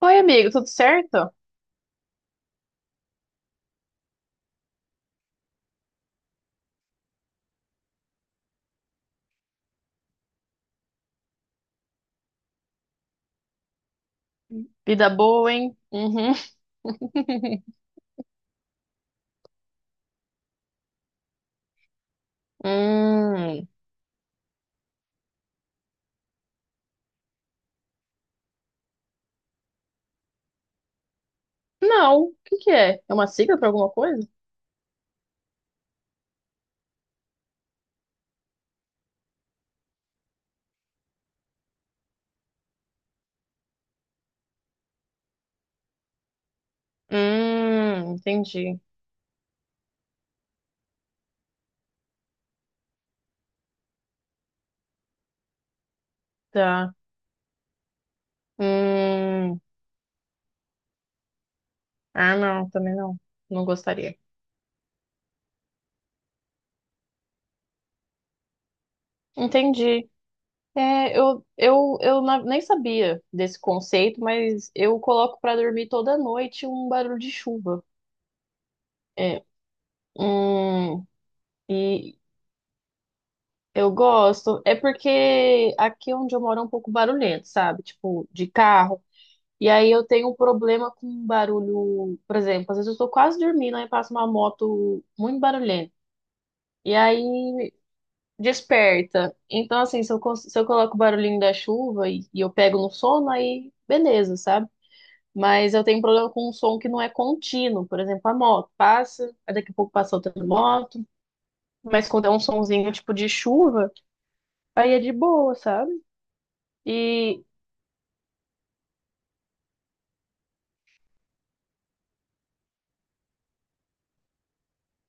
Oi, amigo, tudo certo? Vida boa, hein? Uhum. Hum, não, o que que é? É uma sigla para alguma coisa? Entendi. Tá. Hum, ah, não, também não. Não gostaria. Entendi. É, nem sabia desse conceito, mas eu coloco para dormir toda noite um barulho de chuva. É, hum. Eu gosto, é porque aqui é onde eu moro é um pouco barulhento, sabe? Tipo, de carro. E aí eu tenho um problema com um barulho, por exemplo, às vezes eu tô quase dormindo, aí passa uma moto muito barulhenta. E aí desperta. Então, assim, se eu coloco o barulhinho da chuva e eu pego no sono, aí beleza, sabe? Mas eu tenho um problema com um som que não é contínuo. Por exemplo, a moto passa, aí daqui a pouco passa outra moto. Mas quando é um sonzinho tipo de chuva, aí é de boa, sabe? E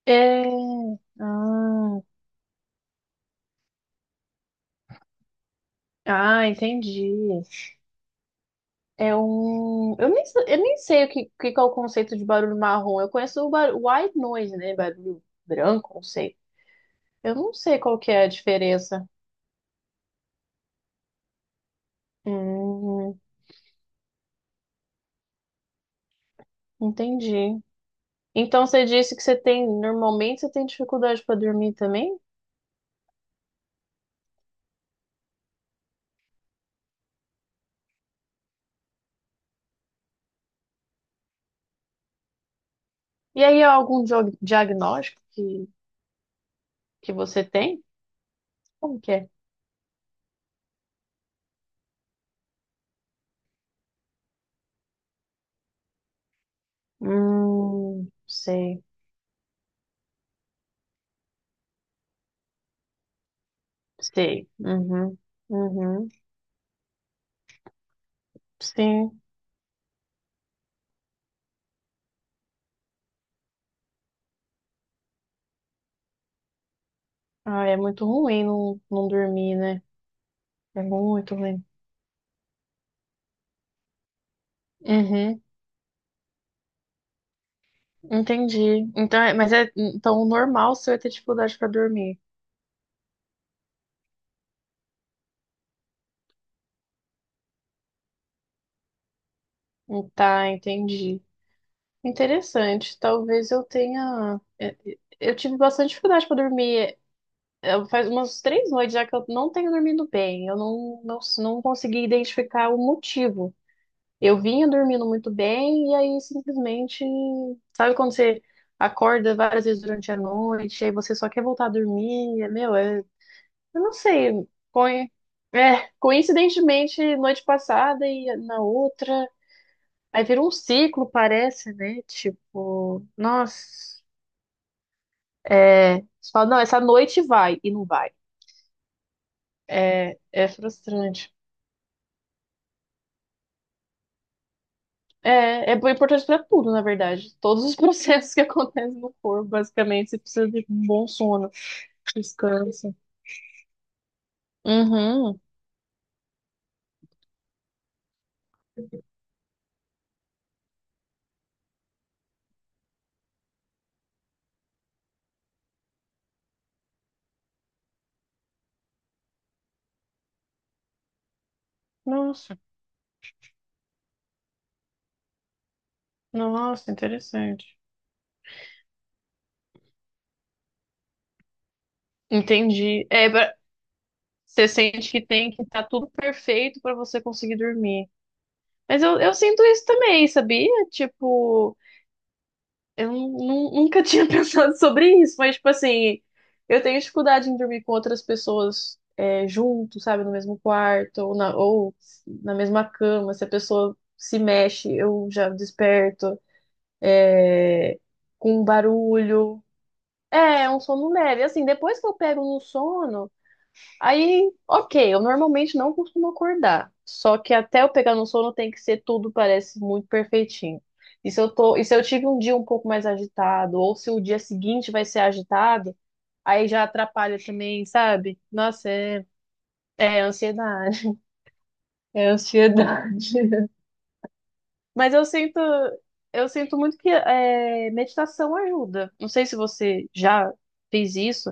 é. Ah, ah, entendi. É um. Eu nem sei que é o conceito de barulho marrom. Eu conheço o white noise, né? Barulho branco, não sei. Eu não sei qual que é a diferença. Hum, entendi. Então você disse que você tem. Normalmente você tem dificuldade para dormir também? E aí há algum diagnóstico que você tem? Como que é? Sei, sei. Uhum, uhum. Sim. Ah, é muito ruim não, não dormir, né? É muito ruim. Uhum, entendi. Então, mas é então o normal você é ter dificuldade para dormir. Tá, entendi. Interessante. Talvez eu tenha. Eu tive bastante dificuldade para dormir. Faz umas três noites já que eu não tenho dormido bem. Eu não, não, não consegui identificar o motivo. Eu vinha dormindo muito bem e aí simplesmente, sabe quando você acorda várias vezes durante a noite, aí você só quer voltar a dormir, é, meu, é, eu não sei, é, coincidentemente noite passada e na outra, aí vira um ciclo, parece, né? Tipo, nossa, é, você fala, não, essa noite vai e não vai. É, é frustrante. É, é importante para tudo, na verdade. Todos os processos que acontecem no corpo, basicamente, você precisa de um bom sono, descanso. Uhum. Nossa, nossa, interessante. Entendi. É, você sente que tem que estar tudo perfeito para você conseguir dormir. Mas eu sinto isso também, sabia? Tipo. Nunca tinha pensado sobre isso, mas, tipo assim, eu tenho dificuldade em dormir com outras pessoas é, junto, sabe, no mesmo quarto, ou na mesma cama. Se a pessoa se mexe, eu já desperto é, com um barulho. É, é um sono leve. Assim, depois que eu pego no sono. Aí, ok, eu normalmente não costumo acordar. Só que até eu pegar no sono tem que ser tudo, parece muito perfeitinho. E se eu tive um dia um pouco mais agitado, ou se o dia seguinte vai ser agitado, aí já atrapalha também, sabe? Nossa, é, é ansiedade. É ansiedade. Mas eu sinto muito que é, meditação ajuda. Não sei se você já fez isso.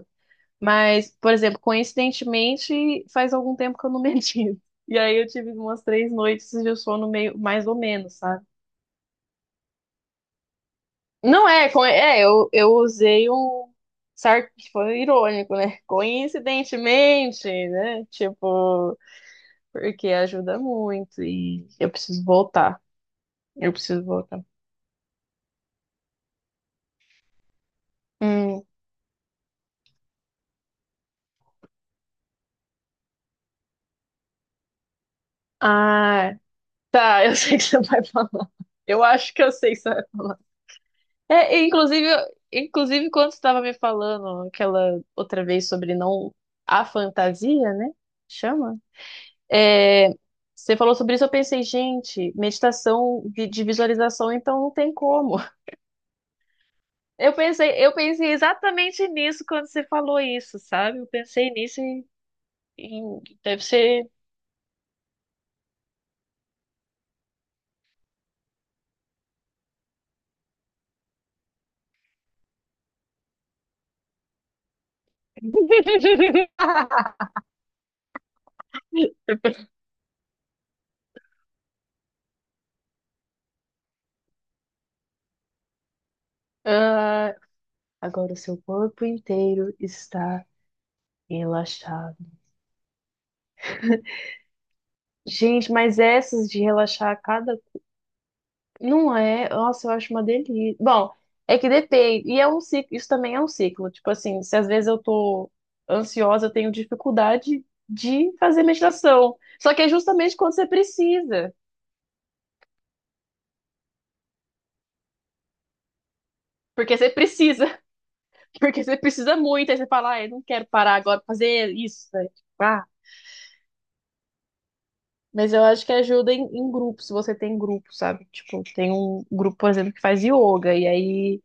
Mas, por exemplo, coincidentemente, faz algum tempo que eu não medito. E aí eu tive umas três noites de sono meio mais ou menos, sabe? Não é, é, eu usei um foi irônico, né? Coincidentemente, né? Tipo, porque ajuda muito e eu preciso voltar. Eu preciso voltar. Hum. Ah, tá, eu sei o que você vai falar. Eu acho que eu sei o que você vai falar. É, e inclusive, inclusive quando você estava me falando aquela outra vez sobre não a fantasia, né? Chama? É, você falou sobre isso, eu pensei, gente, meditação de visualização, então não tem como. Eu pensei exatamente nisso quando você falou isso, sabe? Eu pensei nisso e deve ser. Ah, agora o seu corpo inteiro está relaxado. Gente, mas essas de relaxar cada. Não é? Nossa, eu acho uma delícia. Bom, é que depende. E é um ciclo, isso também é um ciclo. Tipo assim, se às vezes eu tô ansiosa, eu tenho dificuldade de fazer meditação. Só que é justamente quando você precisa. Porque você precisa, porque você precisa muito. Aí você fala, ah, eu não quero parar agora pra fazer isso, né? Tipo, ah. Mas eu acho que ajuda em, em grupo, se você tem grupo, sabe? Tipo, tem um grupo, por exemplo, que faz yoga, e aí.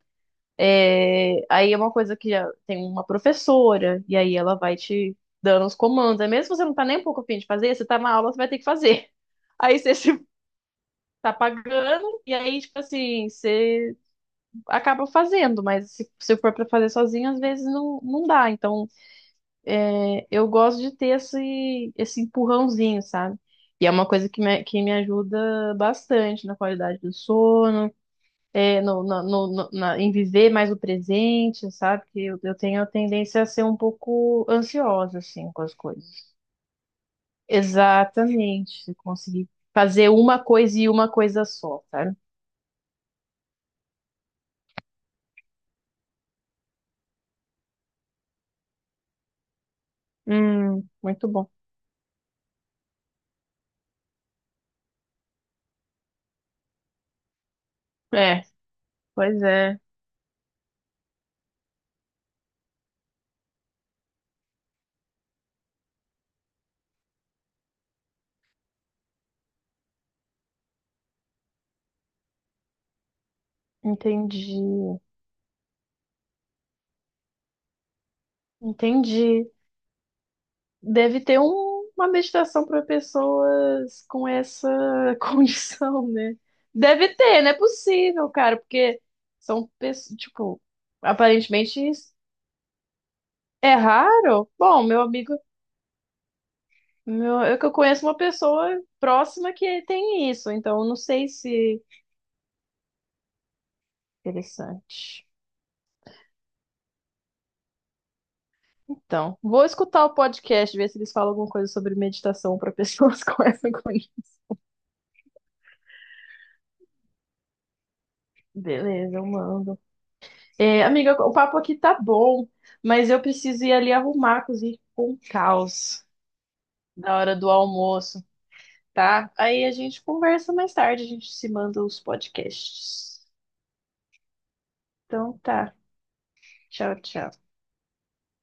É, aí é uma coisa que já tem uma professora, e aí ela vai te dando os comandos. Aí mesmo se você não tá nem um pouco a fim de fazer, você tá na aula, você vai ter que fazer. Aí você se tá pagando, e aí, tipo assim, você acaba fazendo, mas se for pra fazer sozinho, às vezes não, não dá. Então, é, eu gosto de ter esse, esse empurrãozinho, sabe? E é uma coisa que me ajuda bastante na qualidade do sono. É, em viver mais o presente, sabe? Que eu tenho a tendência a ser um pouco ansiosa, assim, com as coisas. Exatamente, se conseguir fazer uma coisa e uma coisa só, sabe? Muito bom. É, pois é, entendi, entendi. Deve ter uma meditação para pessoas com essa condição, né? Deve ter, não é possível, cara, porque são pessoas, tipo, aparentemente. É raro? Bom, meu amigo, meu, eu que eu conheço uma pessoa próxima que tem isso, então eu não sei se. Interessante. Então, vou escutar o podcast, ver se eles falam alguma coisa sobre meditação para pessoas com essa condição. Beleza, eu mando. É, amiga, o papo aqui tá bom, mas eu preciso ir ali arrumar, cozinhar com um caos na hora do almoço, tá? Aí a gente conversa mais tarde, a gente se manda os podcasts. Então tá. Tchau, tchau.